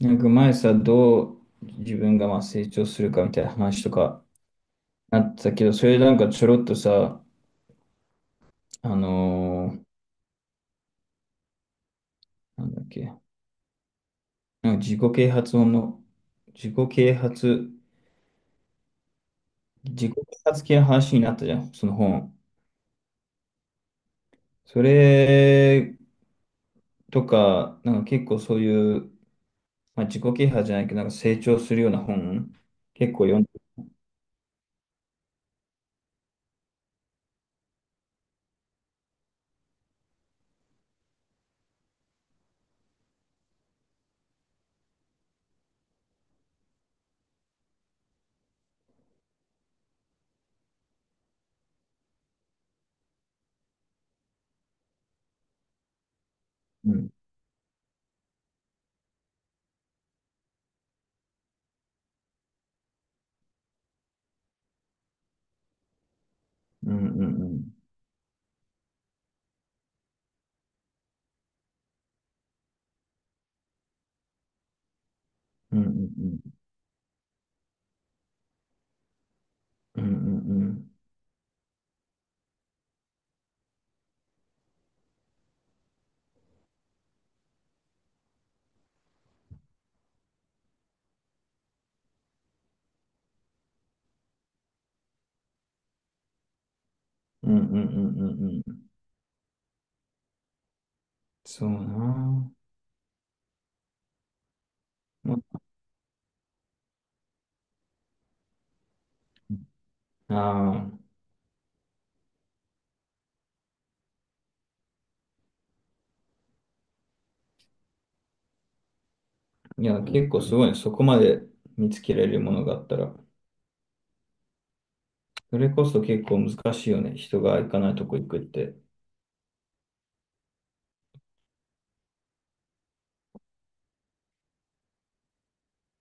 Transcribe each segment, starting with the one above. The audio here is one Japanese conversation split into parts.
なんか前さ、どう自分がまあ成長するかみたいな話とかなってたけど、それなんかちょろっとさ、あのーなんだっけ、なんか自己啓発、自己啓発系の話になったじゃん、その本。それとか、なんか結構そういう、まあ、自己啓発じゃないけど、なんか成長するような本、結構読んで。うん。うんうんうん。うんうんうん。うんうんうん。うんうんうんうんうん。そうなぁ。ああ、いや、結構すごいね。そこまで見つけられるものがあったら。それこそ結構難しいよね。人が行かないとこ行くって。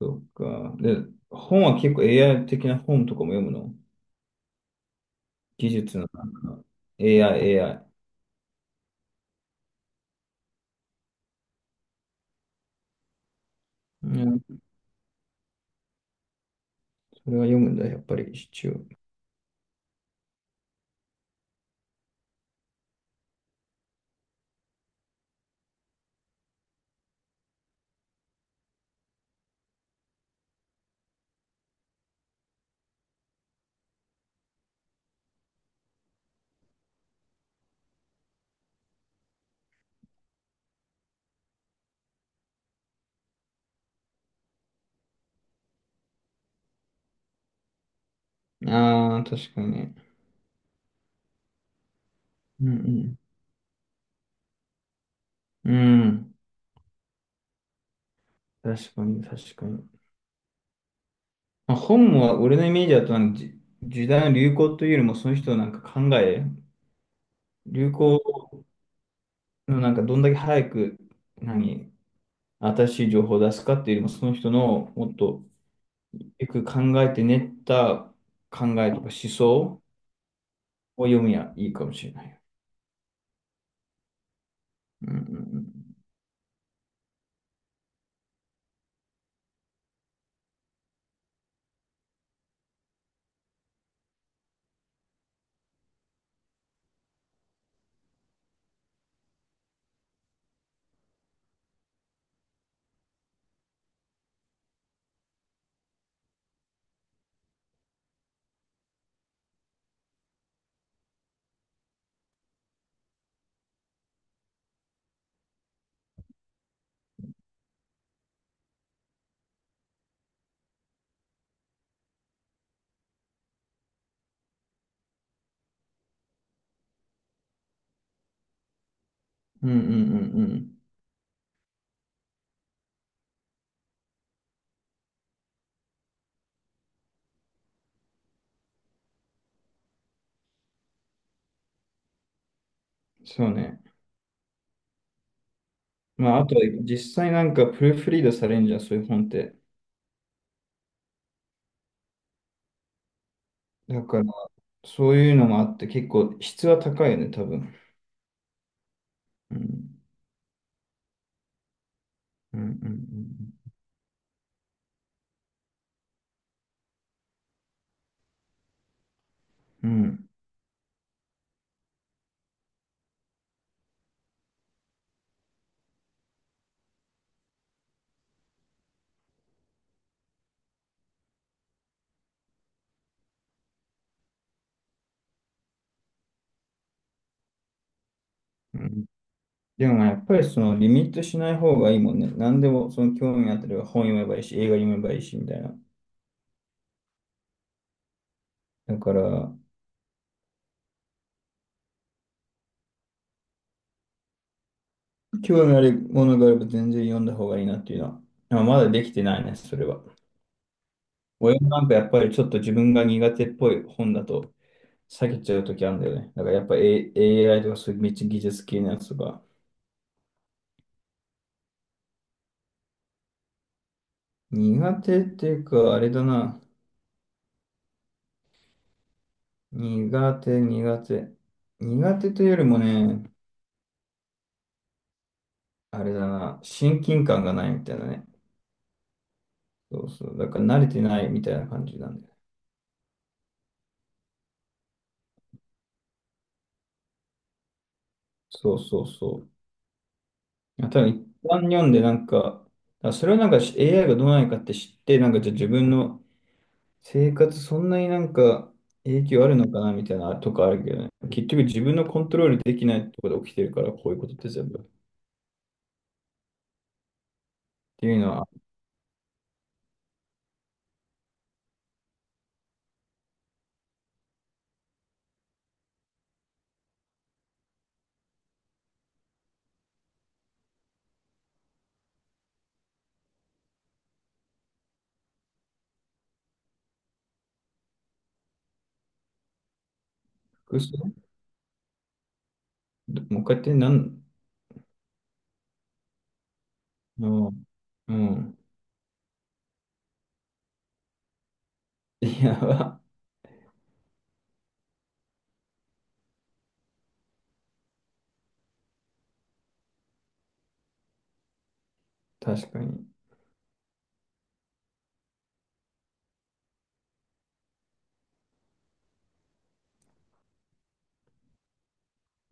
そっか。で、本は結構 AI 的な本とかも読むの？技術のなんか AI、AI。うん、それは読むんだ、やっぱり一応。ああ、確かに。うんうん。うん。確かに、確かに。まあ、本は俺のイメージだとなんか時代の流行というよりもその人のなんか考え。流行でもなんかどんだけ早く、何、新しい情報を出すかっていうよりも、その人のもっとよく考えて練った考えとか思想を読みやいいかもしれない。うんうんうん。うんうんうんうん。そうね。まあ、あと、実際なんかプルーフリードされんじゃん、そういう本って。だから、そういうのもあって、結構質は高いよね、多分。うん。うんうんうんうん。うん。うん。でもやっぱりそのリミットしない方がいいもんね。何でもその興味あったら本読めばいいし、映画読めばいいしみたいな。だから、興味あるものがあれば全然読んだ方がいいなっていうのは。まあ、まだできてないね、それは。親もなんかやっぱりちょっと自分が苦手っぽい本だと避けちゃうときあるんだよね。だからやっぱ、AI とかそういうめっちゃ技術系のやつとか。苦手っていうか、あれだな。苦手、苦手。苦手というよりもね、あれだな。親近感がないみたいなね。そうそう。だから慣れてないみたいな感じなんだよね。そうそうそう。いや多分一般読んでなんか、あそれはなんかし AI がどうなのかって知って、なんかじゃあ自分の生活そんなになんか影響あるのかなみたいなとかあるけどね。結局自分のコントロールできないところで起きてるから、こういうことって全部。っていうのは、複数？もう一回やってうん、うん。いや、確かに。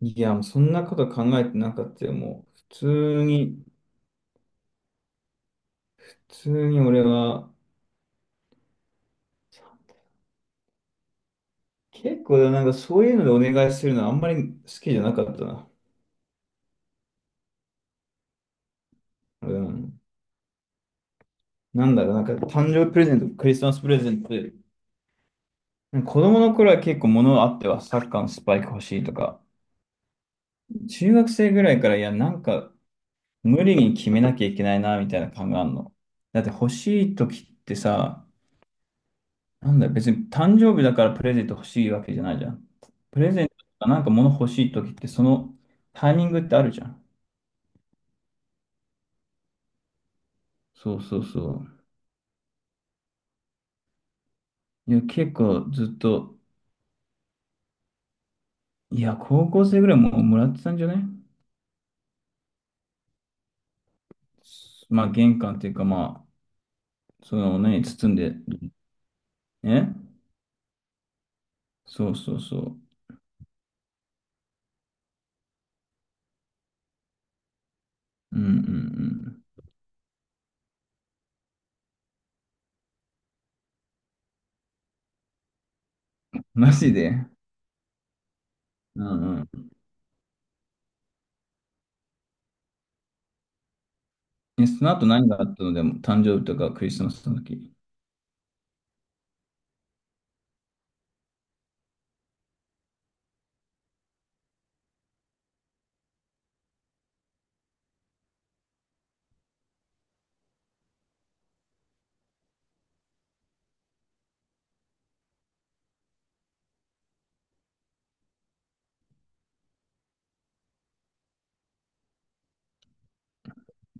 いや、もうそんなこと考えてなかったよ。もう通に、普通に俺は、結構なんかそういうのでお願いするのはあんまり好きじゃなかったな。うん。なんだろう、なんか誕生日プレゼント、クリスマスプレゼントで、子供の頃は結構物あってはサッカーのスパイク欲しいとか、中学生ぐらいからいや、なんか無理に決めなきゃいけないなみたいな感があるの。だって欲しい時ってさ、なんだ、別に誕生日だからプレゼント欲しいわけじゃないじゃん。プレゼントとかなんか物欲しい時ってそのタイミングってあるじゃん。そうそうそう。いや、結構ずっと、いや、高校生ぐらいもうもらってたんじゃね？まあ、玄関っていうか、まあ、その、包んで、ね。そうそうそう。うんうんうん。マジで？うんうん。え、その後何があったの？でも、誕生日とかクリスマスの時。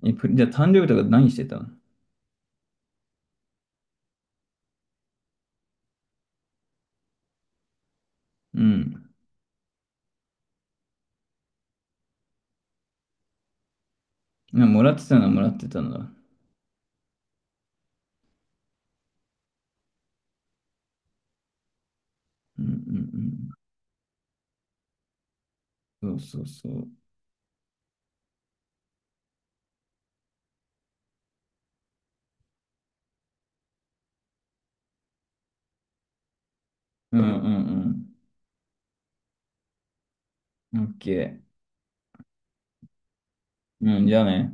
え、じゃあ誕生日とか何してたの？うん。いやもらってたのはもらってたんだ。うんうんうん。そうそうそう。うんうんうん。オッケー。うん、じゃあね。